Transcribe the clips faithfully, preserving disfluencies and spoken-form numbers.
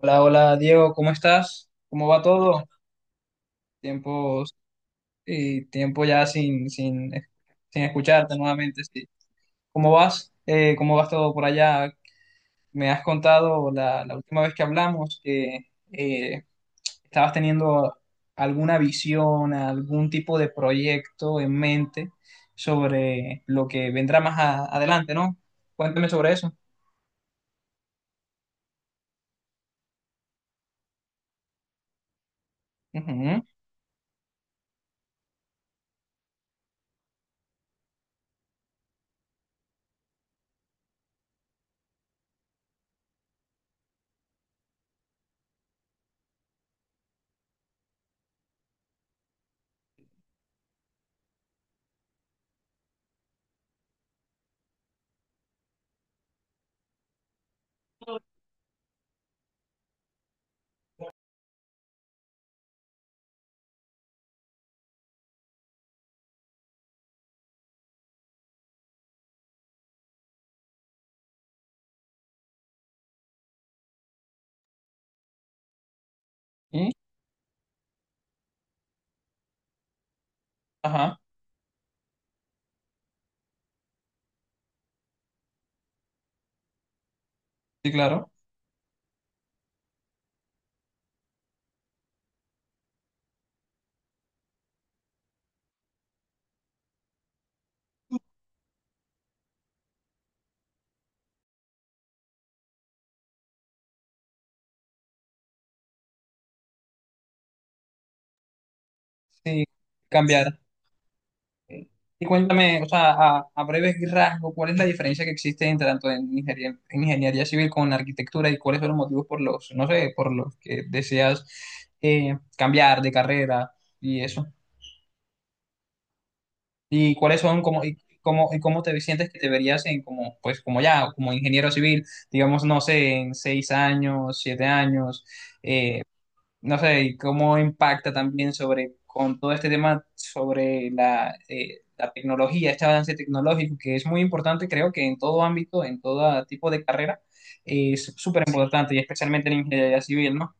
Hola, hola Diego, ¿cómo estás? ¿Cómo va todo? Tiempos y tiempo ya sin, sin, sin escucharte nuevamente. Sí. ¿Cómo vas? Eh, ¿cómo vas todo por allá? Me has contado la, la última vez que hablamos que eh, estabas teniendo alguna visión, algún tipo de proyecto en mente sobre lo que vendrá más a- adelante, ¿no? Cuéntame sobre eso. Ujú. ¿Y? Ajá, sí, claro. Sí, cambiar. Y cuéntame, o sea, a, a breves rasgos, ¿cuál es la diferencia que existe entre tanto en ingeniería, en ingeniería civil con arquitectura y cuáles son los motivos por los, no sé, por los que deseas eh, cambiar de carrera y eso? ¿Y cuáles son como y cómo y cómo te sientes que te verías en como pues como ya como ingeniero civil, digamos, no sé, en seis años, siete años, eh, no sé, y cómo impacta también sobre, con todo este tema sobre la, eh, la tecnología, este avance tecnológico, que es muy importante, creo que en todo ámbito, en todo tipo de carrera, eh, es súper Sí. importante, y especialmente en ingeniería civil, ¿no?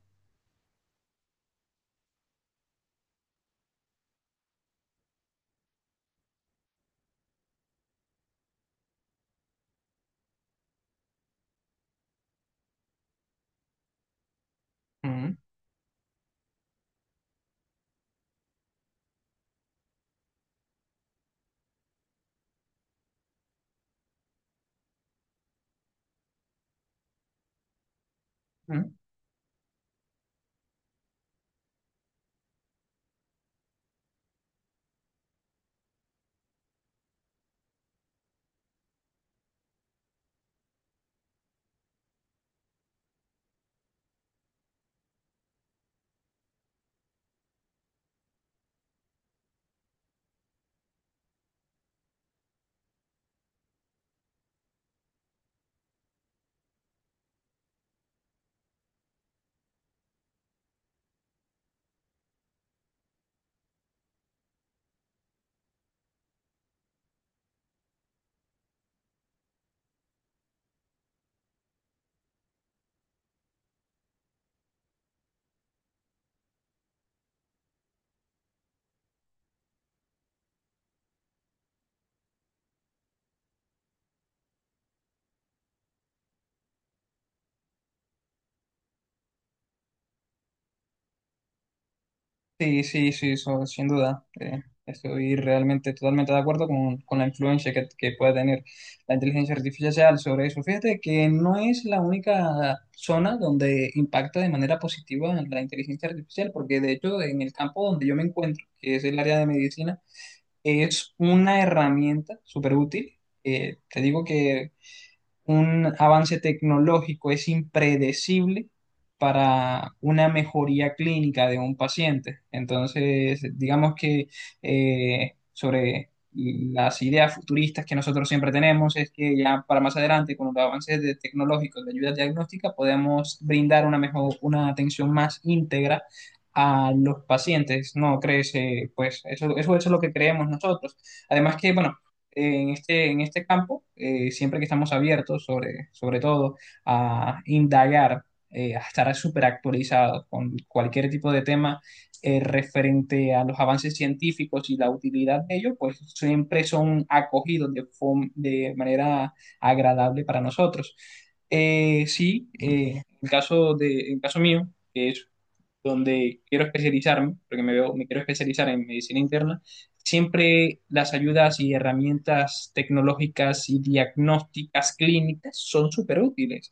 Ujú, ujú. Sí, sí, sí, eso, sin duda. Eh, estoy realmente totalmente de acuerdo con, con la influencia que, que puede tener la inteligencia artificial sobre eso. Fíjate que no es la única zona donde impacta de manera positiva la inteligencia artificial, porque de hecho en el campo donde yo me encuentro, que es el área de medicina, es una herramienta súper útil. Eh, te digo que un avance tecnológico es impredecible para una mejoría clínica de un paciente. Entonces, digamos que eh, sobre las ideas futuristas que nosotros siempre tenemos es que ya para más adelante, con los avances de- tecnológicos de ayuda diagnóstica, podemos brindar una mejor, una atención más íntegra a los pacientes, ¿no crees? Eh, pues eso, eso, eso es lo que creemos nosotros. Además que, bueno, en este, en este campo, eh, siempre que estamos abiertos, sobre, sobre todo, a indagar, eh, a estar súper actualizados con cualquier tipo de tema eh, referente a los avances científicos y la utilidad de ellos, pues siempre son acogidos de, fom- de manera agradable para nosotros. Eh, sí, eh, el caso de, el caso mío, que es donde quiero especializarme, porque me veo, me quiero especializar en medicina interna, siempre las ayudas y herramientas tecnológicas y diagnósticas clínicas son súper útiles.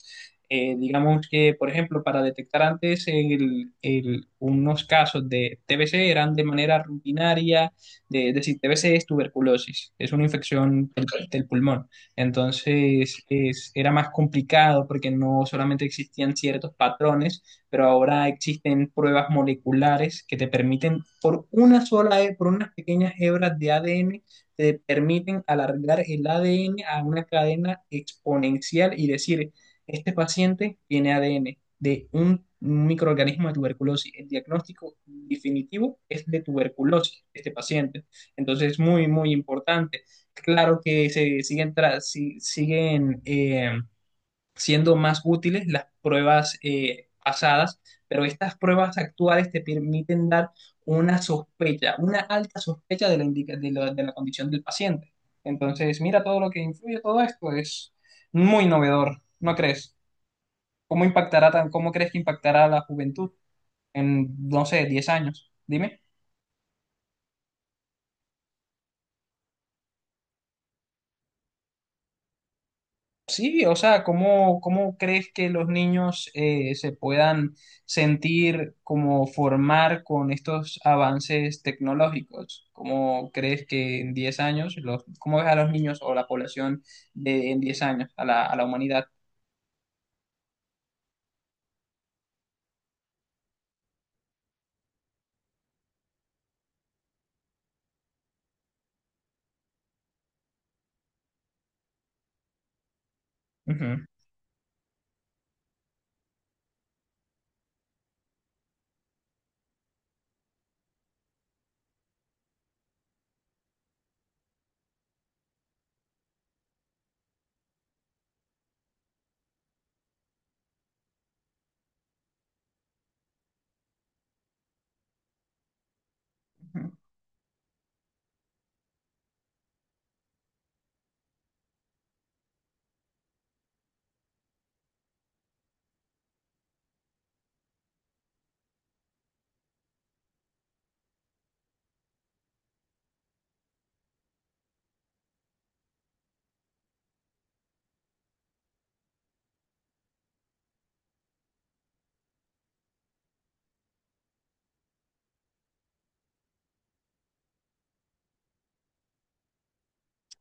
Eh, digamos que, por ejemplo, para detectar antes el- el- unos casos de T B C eran de manera rutinaria, de, es decir, T B C es tuberculosis, es una infección del, Ok. del pulmón. Entonces, es- era más complicado porque no solamente existían ciertos patrones, pero ahora existen pruebas moleculares que te permiten, por una sola, he- por unas pequeñas hebras de A D N, te permiten alargar el A D N a una cadena exponencial y decir, este paciente tiene A D N de un microorganismo de tuberculosis. El diagnóstico definitivo es de tuberculosis de este paciente. Entonces es muy, muy importante. Claro que se siguen, tra- si- siguen eh, siendo más útiles las pruebas eh, pasadas, pero estas pruebas actuales te permiten dar una sospecha, una alta sospecha de la, indica- de la, de la condición del paciente. Entonces, mira todo lo que influye todo esto, es muy novedor, ¿no crees? ¿Cómo impactará tan, cómo crees que impactará a la juventud en, no sé, diez años? Dime. Sí, o sea, ¿cómo, cómo crees que los niños eh, se puedan sentir como formar con estos avances tecnológicos? ¿Cómo crees que en diez años, los, cómo ves a los niños o la población de, en diez años, a la, a la humanidad? Ujú.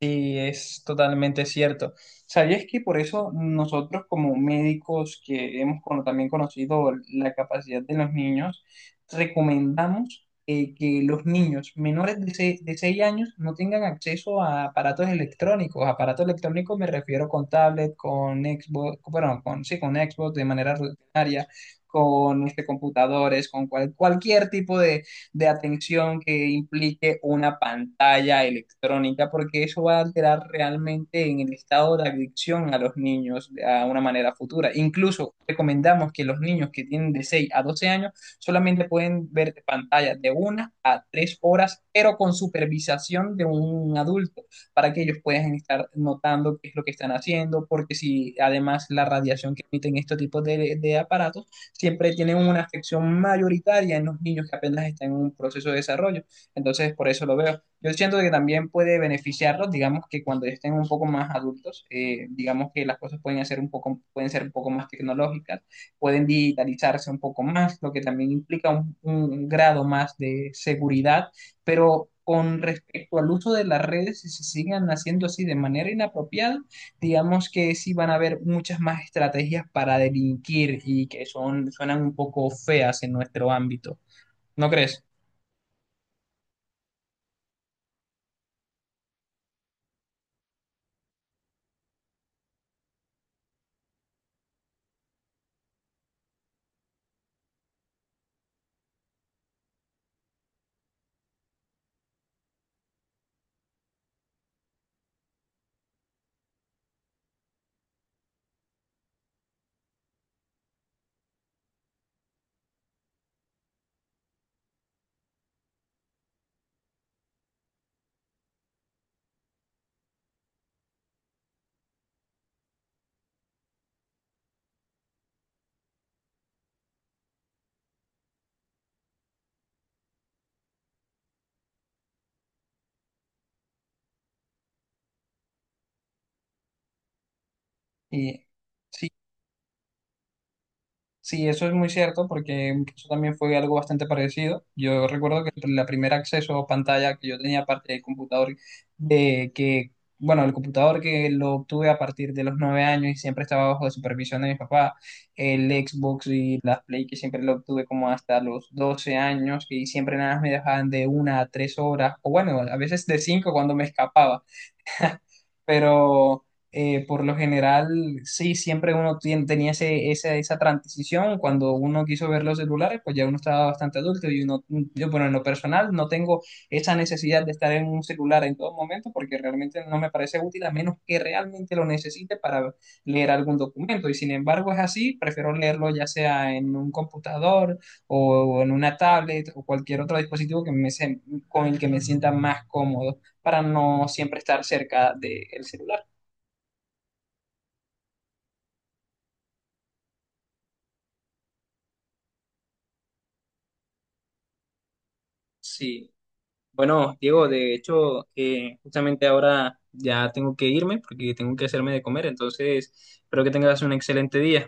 Sí, es totalmente cierto. ¿Sabías que por eso nosotros como médicos que hemos cono- también conocido la capacidad de los niños, recomendamos eh, que los niños menores de, se- de seis años no tengan acceso a aparatos electrónicos? Aparatos electrónicos me refiero con tablet, con Xbox, bueno, con, sí, con Xbox de manera rutinaria, con este, computadores, con cual- cualquier tipo de atención que implique una pantalla electrónica, porque eso va a alterar realmente en el estado de adicción a los niños de- a una manera futura. Incluso recomendamos que los niños que tienen de seis a doce años solamente pueden ver pantallas de una a tres horas, pero con supervisación de un adulto, para que ellos puedan estar notando qué es lo que están haciendo, porque si además la radiación que emiten estos tipos de de aparatos siempre tienen una afección mayoritaria en los niños que apenas están en un proceso de desarrollo. Entonces, por eso lo veo. Yo siento que también puede beneficiarlos, digamos que cuando estén un poco más adultos, eh, digamos que las cosas pueden hacer un poco, pueden ser un poco más tecnológicas, pueden digitalizarse un poco más, lo que también implica un, un grado más de seguridad, pero con respecto al uso de las redes, si se sigan haciendo así de manera inapropiada, digamos que sí van a haber muchas más estrategias para delinquir y que son, suenan un poco feas en nuestro ámbito. ¿No crees? Y, sí, Sí, eso es muy cierto porque eso también fue algo bastante parecido. Yo recuerdo que la primer acceso a pantalla que yo tenía aparte del computador, de que, bueno, el computador que lo obtuve a partir de los nueve años y siempre estaba bajo la supervisión de mi papá, el Xbox y las Play que siempre lo obtuve como hasta los doce años y siempre nada más me dejaban de una a tres horas, o bueno, a veces de cinco cuando me escapaba pero eh, por lo general sí, siempre uno tien- tenía ese, esa, esa transición, cuando uno quiso ver los celulares, pues ya uno estaba bastante adulto y uno, yo, bueno, en lo personal no tengo esa necesidad de estar en un celular en todo momento porque realmente no me parece útil a menos que realmente lo necesite para leer algún documento y sin embargo es así, prefiero leerlo ya sea en un computador o en una tablet o cualquier otro dispositivo que me, se- con el que me sienta más cómodo para no siempre estar cerca del celular. Sí, bueno, Diego, de hecho, eh, justamente ahora ya tengo que irme porque tengo que hacerme de comer, entonces espero que tengas un excelente día.